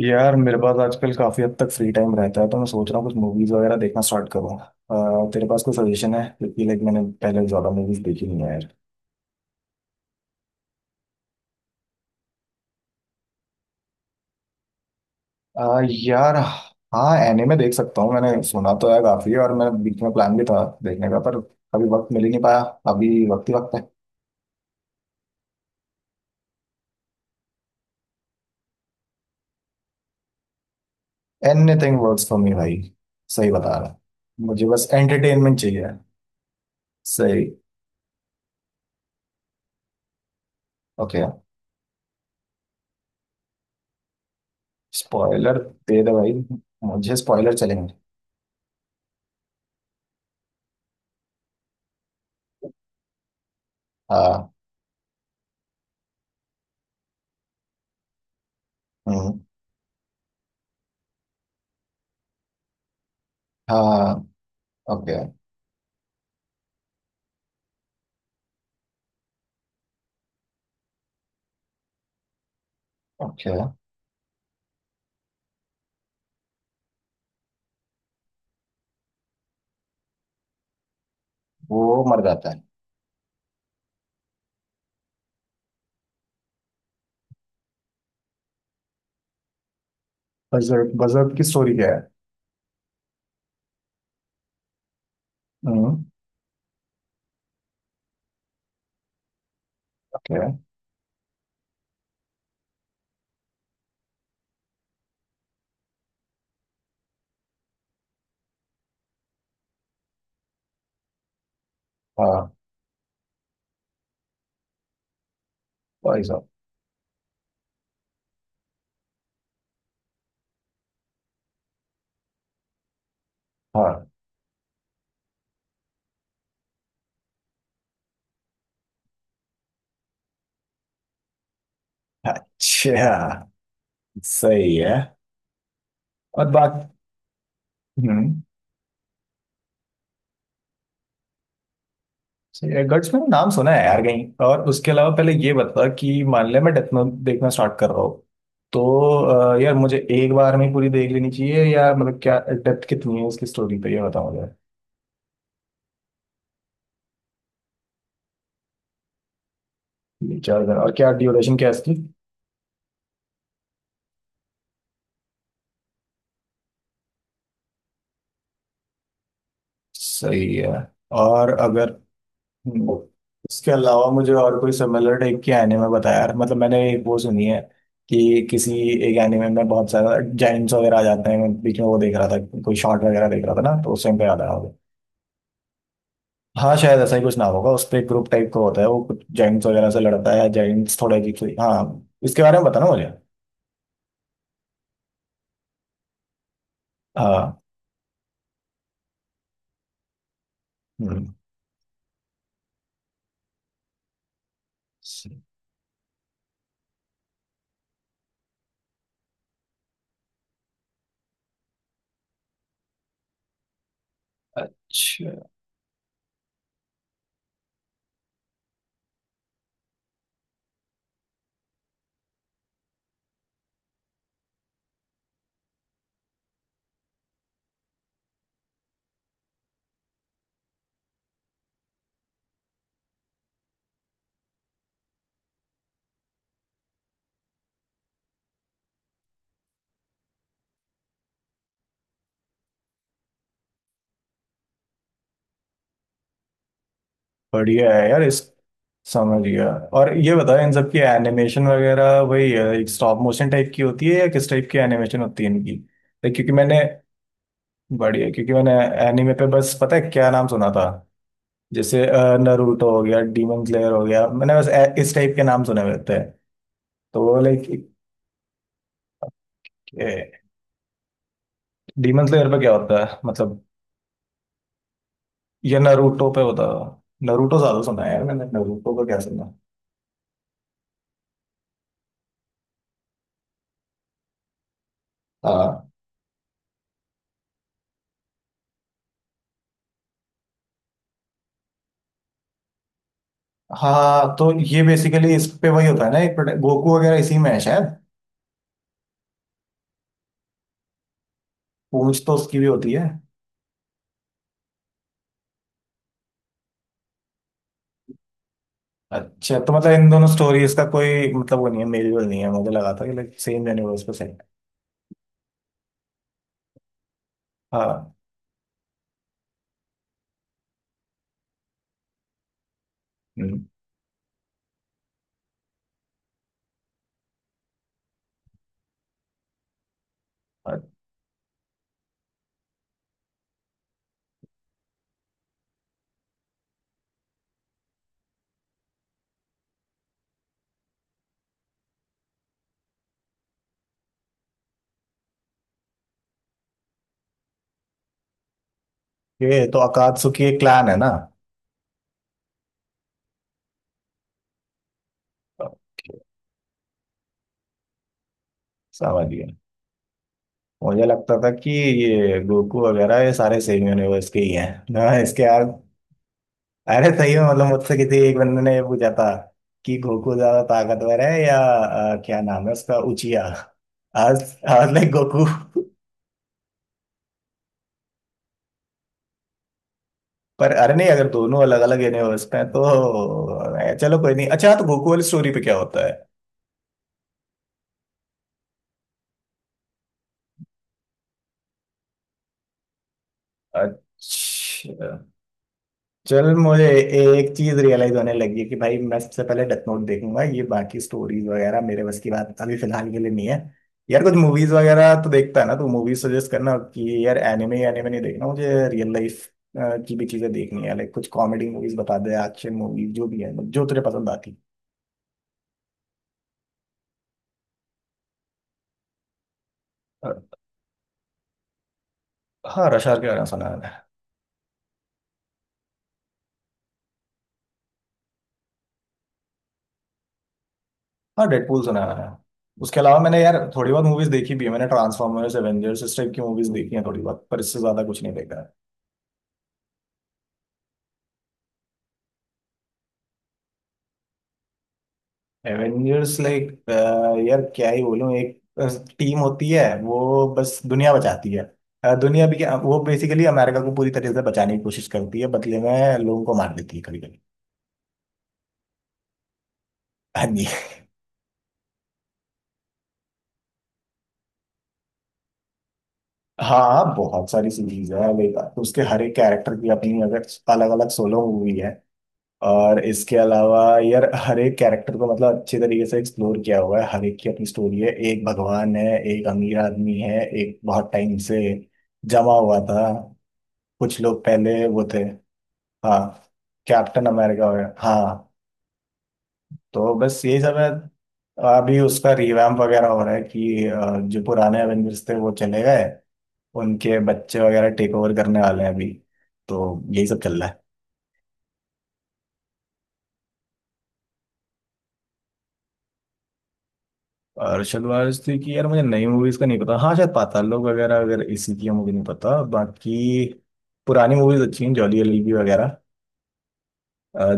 यार, मेरे पास आजकल काफी हद तक फ्री टाइम रहता है तो मैं सोच रहा हूँ कुछ मूवीज वगैरह देखना स्टार्ट करूँ। तेरे पास कोई सजेशन है क्योंकि लाइक मैंने पहले ज्यादा मूवीज देखी नहीं है यार। यार, हाँ एनिमे देख सकता हूँ। मैंने सुना तो है काफी, और मेरा बीच में प्लान भी था देखने का, पर अभी वक्त मिल ही नहीं पाया। अभी वक्त ही वक्त है। एनीथिंग वर्क्स फॉर मी भाई। सही बता रहा हूँ। मुझे बस एंटरटेनमेंट चाहिए। सही। ओके। स्पॉइलर दे दे भाई। मुझे स्पॉइलर चलेंगे। हाँ। हम्म। हाँ। ओके। ओके। वो मर जाता है। बजर्क। बजर्क की स्टोरी क्या है? हम्म। ओके। हाँ। भाई साहब। हाँ। अच्छा। सही है। और बात? हम्म। सही है। गट्स मैंने नाम सुना है यार कहीं, और उसके अलावा पहले ये बता कि मान ले मैं डेथ नोट देखना स्टार्ट कर रहा हूँ तो। यार, मुझे एक बार में पूरी देख लेनी चाहिए या मतलब क्या, डेप्थ कितनी है उसकी स्टोरी पे, ये बताओ मुझे। ये चार दिन? और क्या ड्यूरेशन क्या है इसकी? सही है। और अगर। हम्म। उसके अलावा मुझे और कोई सिमिलर टाइप के एनिमे बताया यार, मतलब मैंने एक वो सुनी है कि किसी एक एनिमे में बहुत सारा जाइंट्स वगैरह आ जाते हैं, मैं बीच में वो देख रहा था, कोई शॉर्ट वगैरह देख रहा था ना, तो उस टाइम पे याद आया होगा। हाँ शायद ऐसा ही कुछ नाम होगा, उस पे ग्रुप टाइप का होता है वो, कुछ जाइंट्स वगैरह से लड़ता है, जाइंट्स थोड़े अजीब से। हाँ, इसके बारे में बताना मुझे। हाँ। हम्म। अच्छा। बढ़िया है यार इस। समझ गया। और ये बताओ, इन सब की एनिमेशन वगैरह वही है, एक स्टॉप मोशन टाइप की होती है या किस टाइप की एनिमेशन होती है इनकी लाइक, क्योंकि मैंने। बढ़िया, क्योंकि मैंने एनिमे पे बस पता है क्या नाम सुना था, जैसे नरूटो हो गया, डीमन स्लेयर हो गया, मैंने बस इस टाइप के नाम सुने हुए होते हैं, तो वो लाइक। डीमन स्लेयर पे क्या होता है मतलब? ये नरूटो पे होता है? नरूटो ज्यादा सुना है यार मैंने, नरूटो का क्या सुना। हाँ। हाँ, तो ये बेसिकली इस पे वही होता है ना, एक गोकू वगैरह इसी में है शायद। पूंछ तो उसकी भी होती है। अच्छा, तो मतलब इन दोनों स्टोरीज का कोई मतलब वो नहीं है, मेल जोल नहीं है, मुझे लगा था कि लाइक सेम यूनिवर्स पे सेम। हाँ। हम्म। ओके, तो अकात्सुकी एक क्लैन है ना? ओके, समझ गया। मुझे लगता था कि ये गोकू वगैरह ये सारे सेम यूनिवर्स के ही हैं ना इसके यार। अरे सही में मतलब मुझसे किसी एक बंदे ने ये पूछा था कि गोकू ज्यादा ताकतवर है या क्या नाम है उसका, उचिया आज। आज लाइक गोकू, पर अरे नहीं, अगर दोनों अलग अलग यूनिवर्स में हैं, तो चलो कोई नहीं। अच्छा, तो गोकू वाली स्टोरी पे क्या होता है? अच्छा। चल, मुझे एक चीज रियलाइज होने लगी है कि भाई मैं सबसे पहले डेथ नोट देखूंगा, ये बाकी स्टोरीज वगैरह मेरे बस की बात अभी फिलहाल के लिए नहीं है। यार कुछ मूवीज वगैरह तो देखता है ना, तो मूवीज सजेस्ट करना कि यार एनिमे एनिमे नहीं देखना मुझे, रियल लाइफ की भी चीजें देखनी है, लाइक कुछ कॉमेडी मूवीज बता दे, एक्शन मूवीज जो भी है, मतलब जो तुझे पसंद आती। अ, हाँ, रशार के गाना सुना है। हाँ, डेडपूल सुना है। उसके अलावा मैंने यार थोड़ी बहुत मूवीज देखी भी है, मैंने ट्रांसफॉर्मर्स, एवेंजर्स इस टाइप की मूवीज देखी हैं थोड़ी बहुत, पर इससे ज्यादा कुछ नहीं देखा। एवेंजर्स लाइक, यार क्या ही बोलूं, एक टीम होती है वो, बस दुनिया बचाती है। दुनिया भी क्या, वो बेसिकली अमेरिका को पूरी तरीके से बचाने की कोशिश करती है, बदले में लोगों को मार देती है कभी कभी। हाँ जी। हाँ, बहुत सारी सीरीज है, लाइक उसके हर एक कैरेक्टर की अपनी अगर अलग अलग सोलो मूवी है। और इसके अलावा यार हर एक कैरेक्टर को मतलब अच्छे तरीके से एक्सप्लोर किया हुआ है, हर एक की अपनी स्टोरी है, एक भगवान है, एक अमीर आदमी है, एक बहुत टाइम से जमा हुआ था, कुछ लोग पहले वो थे। हाँ, कैप्टन अमेरिका वगैरह, हाँ। तो बस यही सब है। अभी उसका रिवैम्प वगैरह हो रहा है कि जो पुराने एवेंजर्स थे वो चले गए, उनके बच्चे वगैरह टेक ओवर करने वाले हैं अभी। तो यही सब चल रहा है। और शलवार स्त्री की, यार मुझे नई मूवीज का नहीं पता। हाँ शायद पाताल लोक वगैरह अगर इसी की है, मुझे नहीं पता। बाकी पुरानी मूवीज अच्छी हैं, जॉली एलएलबी वगैरह।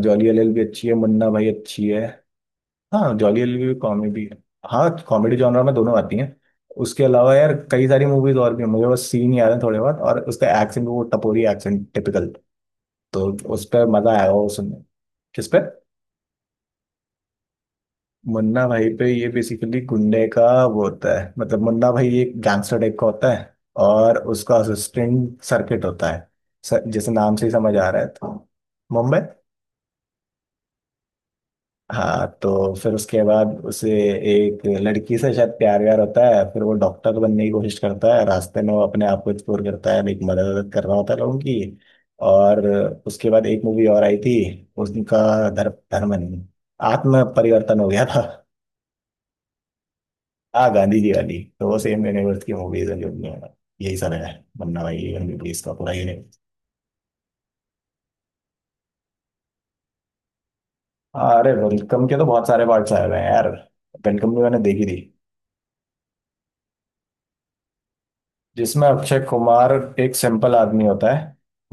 जॉली एलएलबी अच्छी है, मुन्ना भाई अच्छी है। हाँ, जॉली एल भी कॉमेडी। हाँ, कॉमेडी जॉनर में दोनों आती हैं। उसके अलावा यार कई सारी मूवीज और भी हैं, मुझे बस सीन याद है थोड़े बहुत, और उसका एक्सेंट, वो टपोरी एक्सेंट टिपिकल, तो उस पर मजा आया वो सुनने। किस पे? मुन्ना भाई पे ये बेसिकली गुंडे का वो होता है मतलब, मुन्ना भाई एक गैंगस्टर टाइप का होता है, और उसका असिस्टेंट सर्किट होता है। सर, जैसे नाम से ही समझ आ रहा है तो। मुंबई। हाँ, तो फिर उसके बाद उसे एक लड़की से शायद प्यार व्यार होता है, फिर वो डॉक्टर बनने की कोशिश करता है, रास्ते में वो अपने आप को एक्सप्लोर करता है, एक मदद वदद कर रहा होता है लोगों की। और उसके बाद एक मूवी और आई थी, उनका धर्म, धर्म नहीं, आत्म परिवर्तन हो गया था। आ गांधी जी वाली, तो वो सेम यूनिवर्स की मूवीज है जो भी हैं। यही सब है। मन्ना भाई एमबीबीएस का पूरा यूनिवर्स। अरे वेलकम के तो बहुत सारे पार्ट्स आए हुए हैं यार। वेलकम भी मैंने देखी थी। जिसमें अक्षय कुमार एक सिंपल आदमी होता है।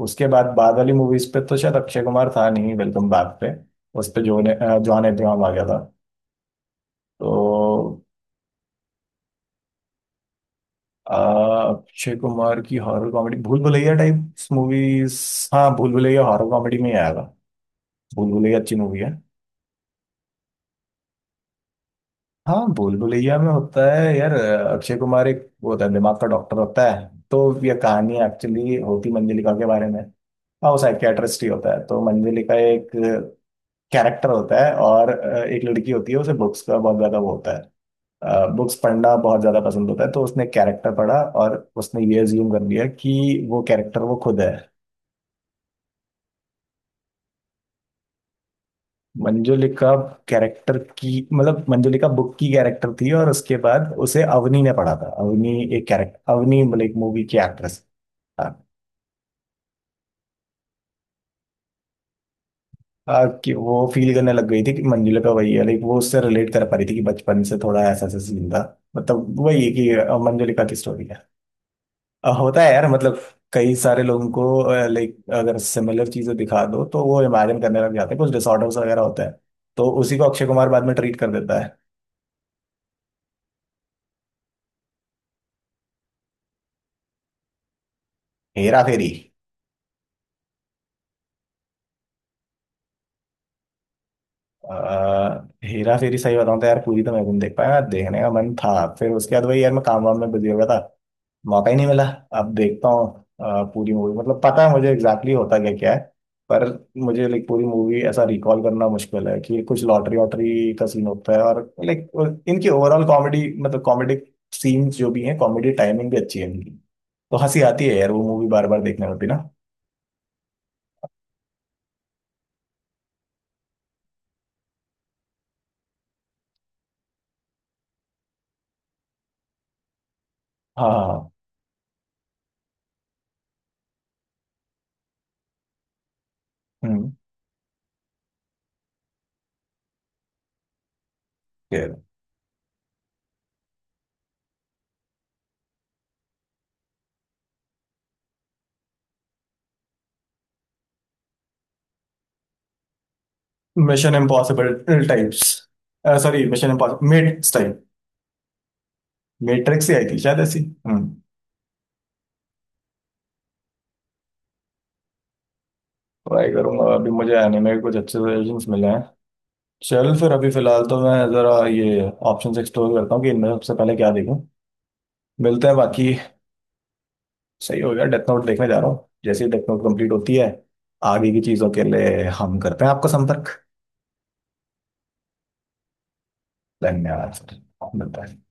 उसके बाद बाद वाली मूवीज पे तो शायद अक्षय कुमार था नहीं, वेलकम बैक पे। उस पे जॉन अब्राहम आ गया था। तो अक्षय कुमार की horror comedy Bhool Bhulaiyaa type movies. हाँ, भूल भुलैया हॉरर कॉमेडी में ही आएगा। भूल भुलैया अच्छी मूवी है। हाँ, भूल भुलैया में होता है यार, अक्षय कुमार एक वो होता है, दिमाग का डॉक्टर होता है, तो ये कहानी एक्चुअली होती मंजलिका के बारे में। हाँ, वो साइकियाट्रिस्ट ही होता है, तो मंजलिका एक कैरेक्टर होता है, और एक लड़की होती है, उसे बुक्स का बहुत ज्यादा वो होता है, बुक्स पढ़ना बहुत ज्यादा पसंद होता है, तो उसने कैरेक्टर पढ़ा और उसने ये अज्यूम कर लिया कि वो कैरेक्टर वो खुद है। मंजुलिका कैरेक्टर की मतलब, मंजुलिका बुक की कैरेक्टर थी, और उसके बाद उसे अवनी ने पढ़ा था, अवनी एक कैरेक्टर, अवनी मतलब एक मूवी की एक्ट्रेस। कि वो फील करने लग गई थी कि मंजुला का वही है, लाइक वो उससे रिलेट कर पा रही थी कि बचपन से थोड़ा ऐसा ऐसा सीन था, मतलब वही है कि मंजुलिका की स्टोरी है। होता है यार मतलब, कई सारे लोगों को, लाइक अगर सिमिलर चीजें दिखा दो तो वो इमेजिन करने लग जाते हैं, कुछ डिसऑर्डर्स वगैरह होता है, तो उसी को अक्षय कुमार बाद में ट्रीट कर देता है। हेरा फेरी। हेरा फेरी सही बताऊं तो यार पूरी तो मैं भी नहीं देख पाया, देखने का मन था, फिर उसके बाद वही यार मैं काम वाम में बिजी हो गया था, मौका ही नहीं मिला। अब देखता हूँ। पूरी मूवी मतलब पता है मुझे एग्जैक्टली होता क्या क्या है, पर मुझे लाइक पूरी मूवी ऐसा रिकॉल करना मुश्किल है कि कुछ लॉटरी वॉटरी का सीन होता है, और लाइक इनकी ओवरऑल कॉमेडी मतलब कॉमेडी सीन्स जो भी हैं, कॉमेडी टाइमिंग भी अच्छी है इनकी, तो हंसी आती है यार वो मूवी बार बार देखने में भी ना। हाँ, हाँ, हाँ। Hmm. Mission Impossible types, sorry, Mission Impossible mats type. Matrix ही आई थी शायद ऐसी। हम्म। ट्राई करूंगा, अभी मुझे एनिमे कुछ अच्छे सजेशंस मिले हैं। चल फिर, अभी फिलहाल तो मैं जरा ये ऑप्शंस एक्सप्लोर करता हूँ कि इनमें सबसे पहले क्या देखूं। मिलते हैं बाकी। सही हो गया, डेथ नोट देखने जा रहा हूँ। जैसे ही डेथ नोट कंप्लीट होती है, आगे की चीजों के लिए हम करते हैं आपका संपर्क। धन्यवाद सर। मिलता है।